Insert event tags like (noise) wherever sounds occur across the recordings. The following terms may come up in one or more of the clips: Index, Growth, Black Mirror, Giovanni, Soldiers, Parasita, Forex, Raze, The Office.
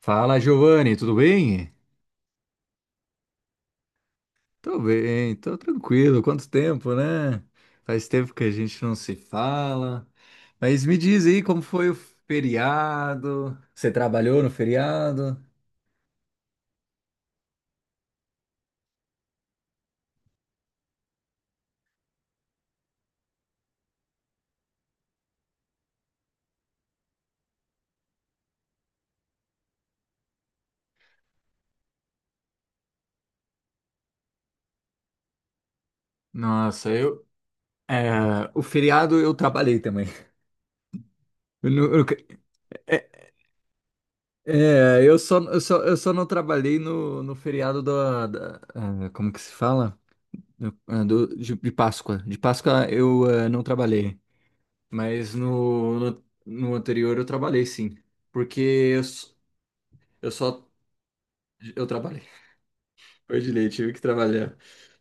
Fala, Giovanni, tudo bem? Tô bem, tô tranquilo. Quanto tempo, né? Faz tempo que a gente não se fala. Mas me diz aí como foi o feriado? Você trabalhou no feriado? Nossa, eu. É, o feriado eu trabalhei também. (laughs) Eu não, eu é, é, eu só não trabalhei no feriado ah, como que se fala? Ah, de Páscoa. De Páscoa eu não trabalhei. Mas no anterior eu trabalhei, sim. Porque eu só. Eu trabalhei. (laughs) Foi de lei, tive que trabalhar.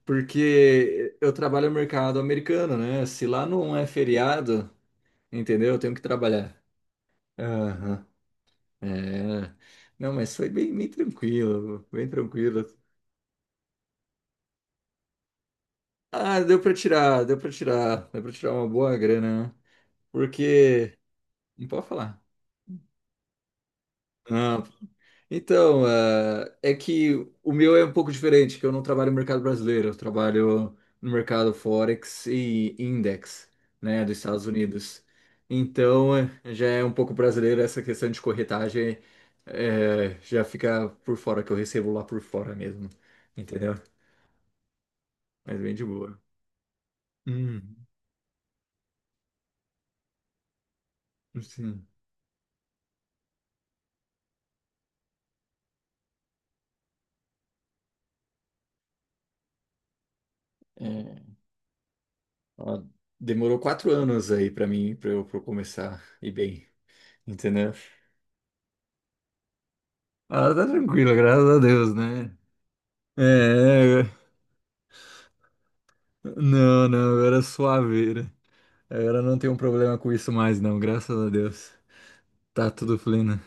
Porque eu trabalho no mercado americano, né? Se lá não é feriado, entendeu? Eu tenho que trabalhar. Aham. É. Não, mas foi bem, bem tranquilo, bem tranquilo. Ah, deu pra tirar, deu pra tirar, deu pra tirar uma boa grana, né? Porque. Não pode falar. Ah, então, é que o meu é um pouco diferente, que eu não trabalho no mercado brasileiro, eu trabalho no mercado Forex e Index, né, dos Estados Unidos. Então, já é um pouco brasileiro essa questão de corretagem, já fica por fora, que eu recebo lá por fora mesmo, entendeu? Mas bem de boa. Hum, sim. É, ó, demorou 4 anos aí pra mim, pra eu começar e bem, entendeu? Ah, tá tranquilo, graças a Deus, né? É, é, não, não, agora é suaveira. Agora não tenho problema com isso mais, não, graças a Deus. Tá tudo fluindo.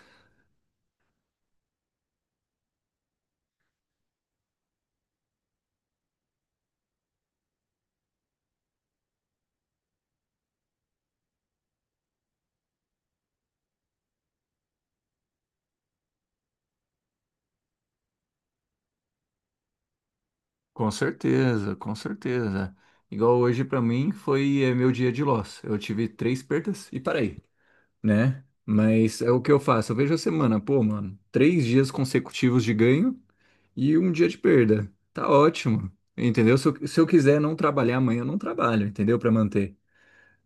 Com certeza, com certeza. Igual hoje pra mim foi, meu dia de loss. Eu tive 3 perdas e parei, né? Mas é o que eu faço. Eu vejo a semana. Pô, mano, 3 dias consecutivos de ganho e um dia de perda. Tá ótimo, entendeu? Se eu quiser não trabalhar amanhã, eu não trabalho, entendeu? Pra manter.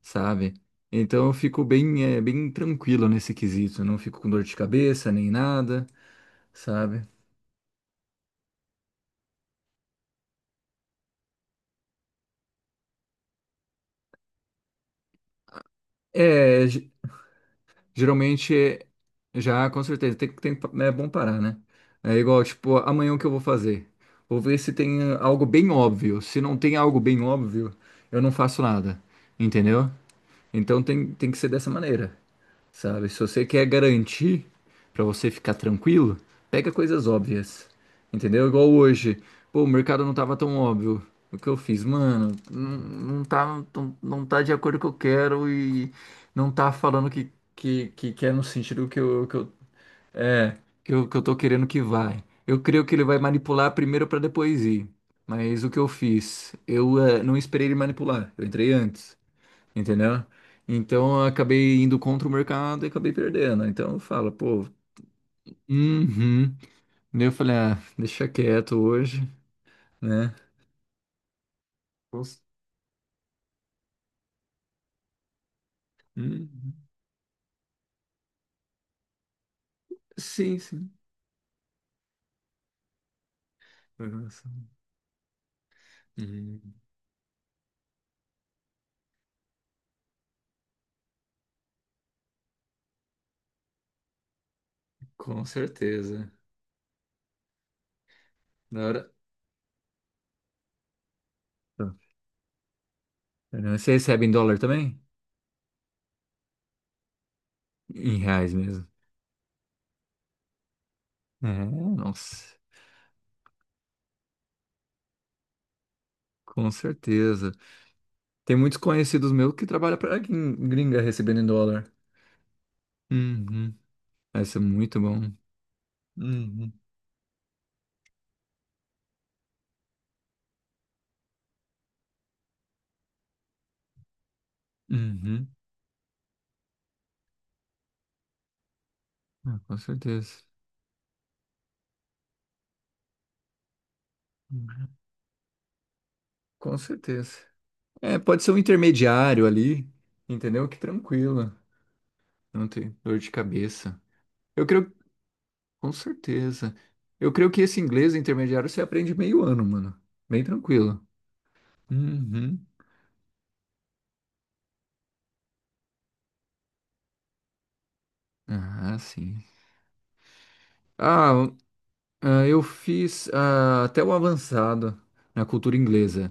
Sabe? Então eu fico bem, bem tranquilo nesse quesito, não fico com dor de cabeça nem nada, sabe? É, geralmente já, com certeza, tem, é bom parar, né? É igual, tipo, amanhã o que eu vou fazer? Vou ver se tem, algo bem óbvio. Se não tem algo bem óbvio, eu não faço nada, entendeu? Então tem que ser dessa maneira. Sabe, se você quer garantir pra você ficar tranquilo, pega coisas óbvias. Entendeu? Igual hoje. Pô, o mercado não tava tão óbvio. O que eu fiz, mano, não, não tá, não, não tá de acordo com o que eu quero, e não tá falando que é no sentido que eu, é, que eu tô querendo que vai. Eu creio que ele vai manipular primeiro pra depois ir. Mas o que eu fiz? Eu não esperei ele manipular. Eu entrei antes, entendeu? Então eu acabei indo contra o mercado e acabei perdendo. Então eu falo, pô, uhum. Daí eu falei, ah, deixa quieto hoje, né? Cons- Uhum. Sim, sim. Programação. Uhum. Com certeza. Na hora. Tá. Você recebe em dólar também? Em reais mesmo. É, nossa, com certeza. Tem muitos conhecidos meus que trabalham para gringa recebendo em dólar. Uhum. Vai ser muito bom. Uhum. Uhum. Ah, com certeza. Com certeza. É, pode ser um intermediário ali, entendeu? Que tranquila, não tem dor de cabeça. Eu creio, com certeza. Eu creio que esse inglês intermediário você aprende meio ano, mano. Bem tranquilo. Uhum. Ah, sim. Ah, eu fiz, até o avançado na cultura inglesa.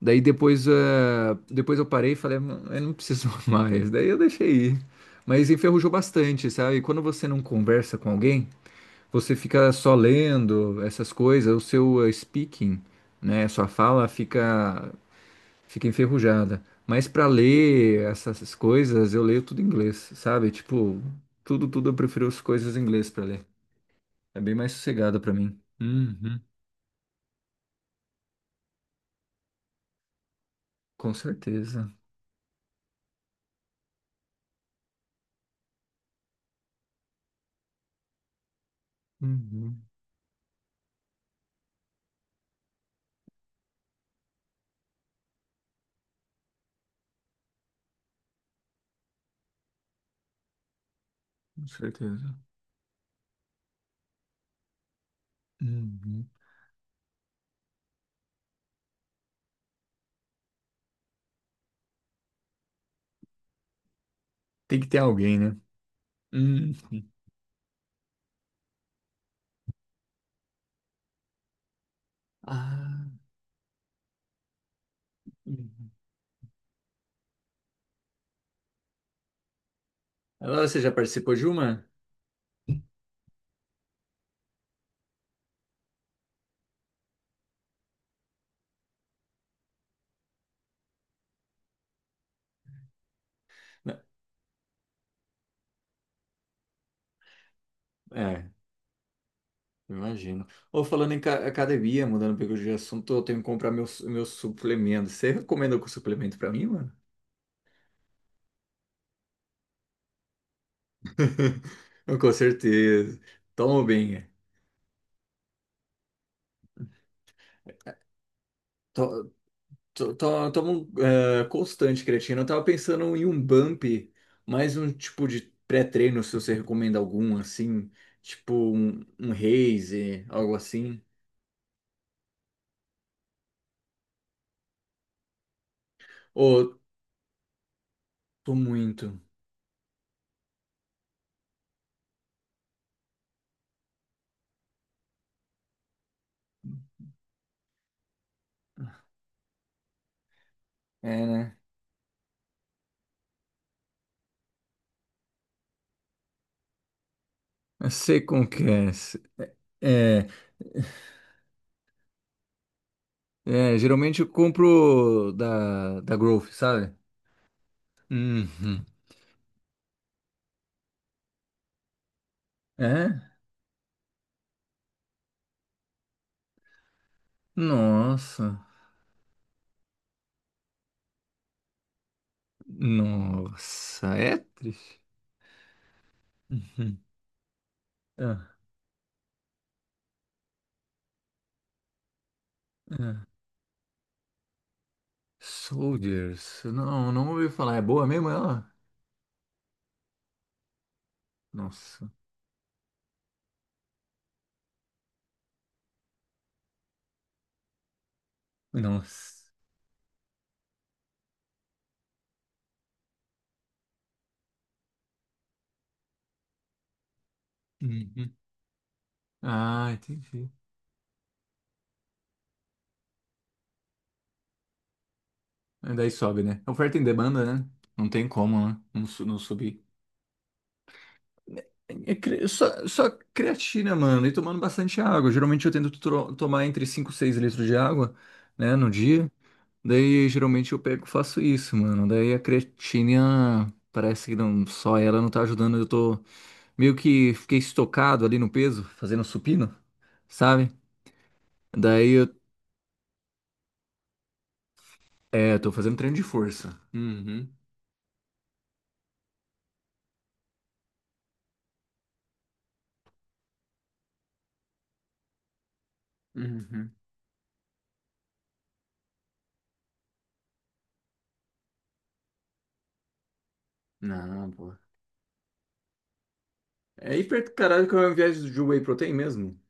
Daí depois, depois eu parei e falei, "Não, eu não preciso (laughs) mais". Daí eu deixei ir. Mas enferrujou bastante, sabe? Quando você não conversa com alguém, você fica só lendo essas coisas, o seu, speaking, né? Sua fala fica, enferrujada. Mas para ler essas coisas, eu leio tudo em inglês, sabe? Tipo, tudo, tudo eu prefiro as coisas em inglês para ler. É bem mais sossegado para mim. Uhum. Com certeza. Uhum, com certeza. Uhum. Tem que ter alguém, né? Hum. Ah. Uhum. Agora você já participou de uma? Não. É, eu imagino. Ou falando em academia, mudando um pouco de assunto, eu tenho que comprar meus, suplementos. Você recomenda algum suplemento pra mim, mano? (laughs) Com certeza. Toma bem. Toma um, constante, creatina. Eu tava pensando em um bump, mais um tipo de pré-treino, se você recomenda algum, assim. Tipo um, Raze, algo assim. Ô, tô muito. É, né? Eu sei como que é. É, é, geralmente eu compro da, Growth, sabe? Uhum. É? Nossa. Nossa, é triste. Uhum. Ah, ah. Soldiers. Não, não ouvi falar. É boa mesmo ela? Nossa. Nossa. Uhum. Ah, entendi. Aí Daí sobe, né? Oferta em demanda, né? Não tem como, né? Não, não subir. É, só creatina, mano, e tomando bastante água. Geralmente eu tento tomar entre 5 e 6 litros de água, né, no dia. Daí geralmente eu pego e faço isso, mano. Daí a creatina parece que não, só ela não tá ajudando. Eu tô meio que fiquei estocado ali no peso, fazendo supino, sabe? Daí eu tô fazendo treino de força. Uhum. Uhum. Não, pô. É hiper do caralho que é uma viagem de whey protein mesmo. (laughs)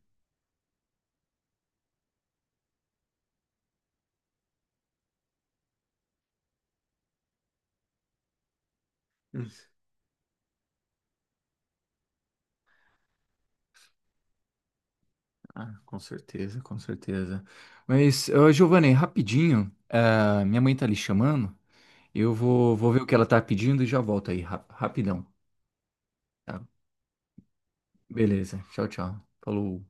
Hum. Ah, com certeza, com certeza. Mas, ô, Giovanni, rapidinho, minha mãe tá ali chamando. Eu vou ver o que ela tá pedindo e já volto aí, rapidão. Tá? Beleza, tchau, tchau. Falou.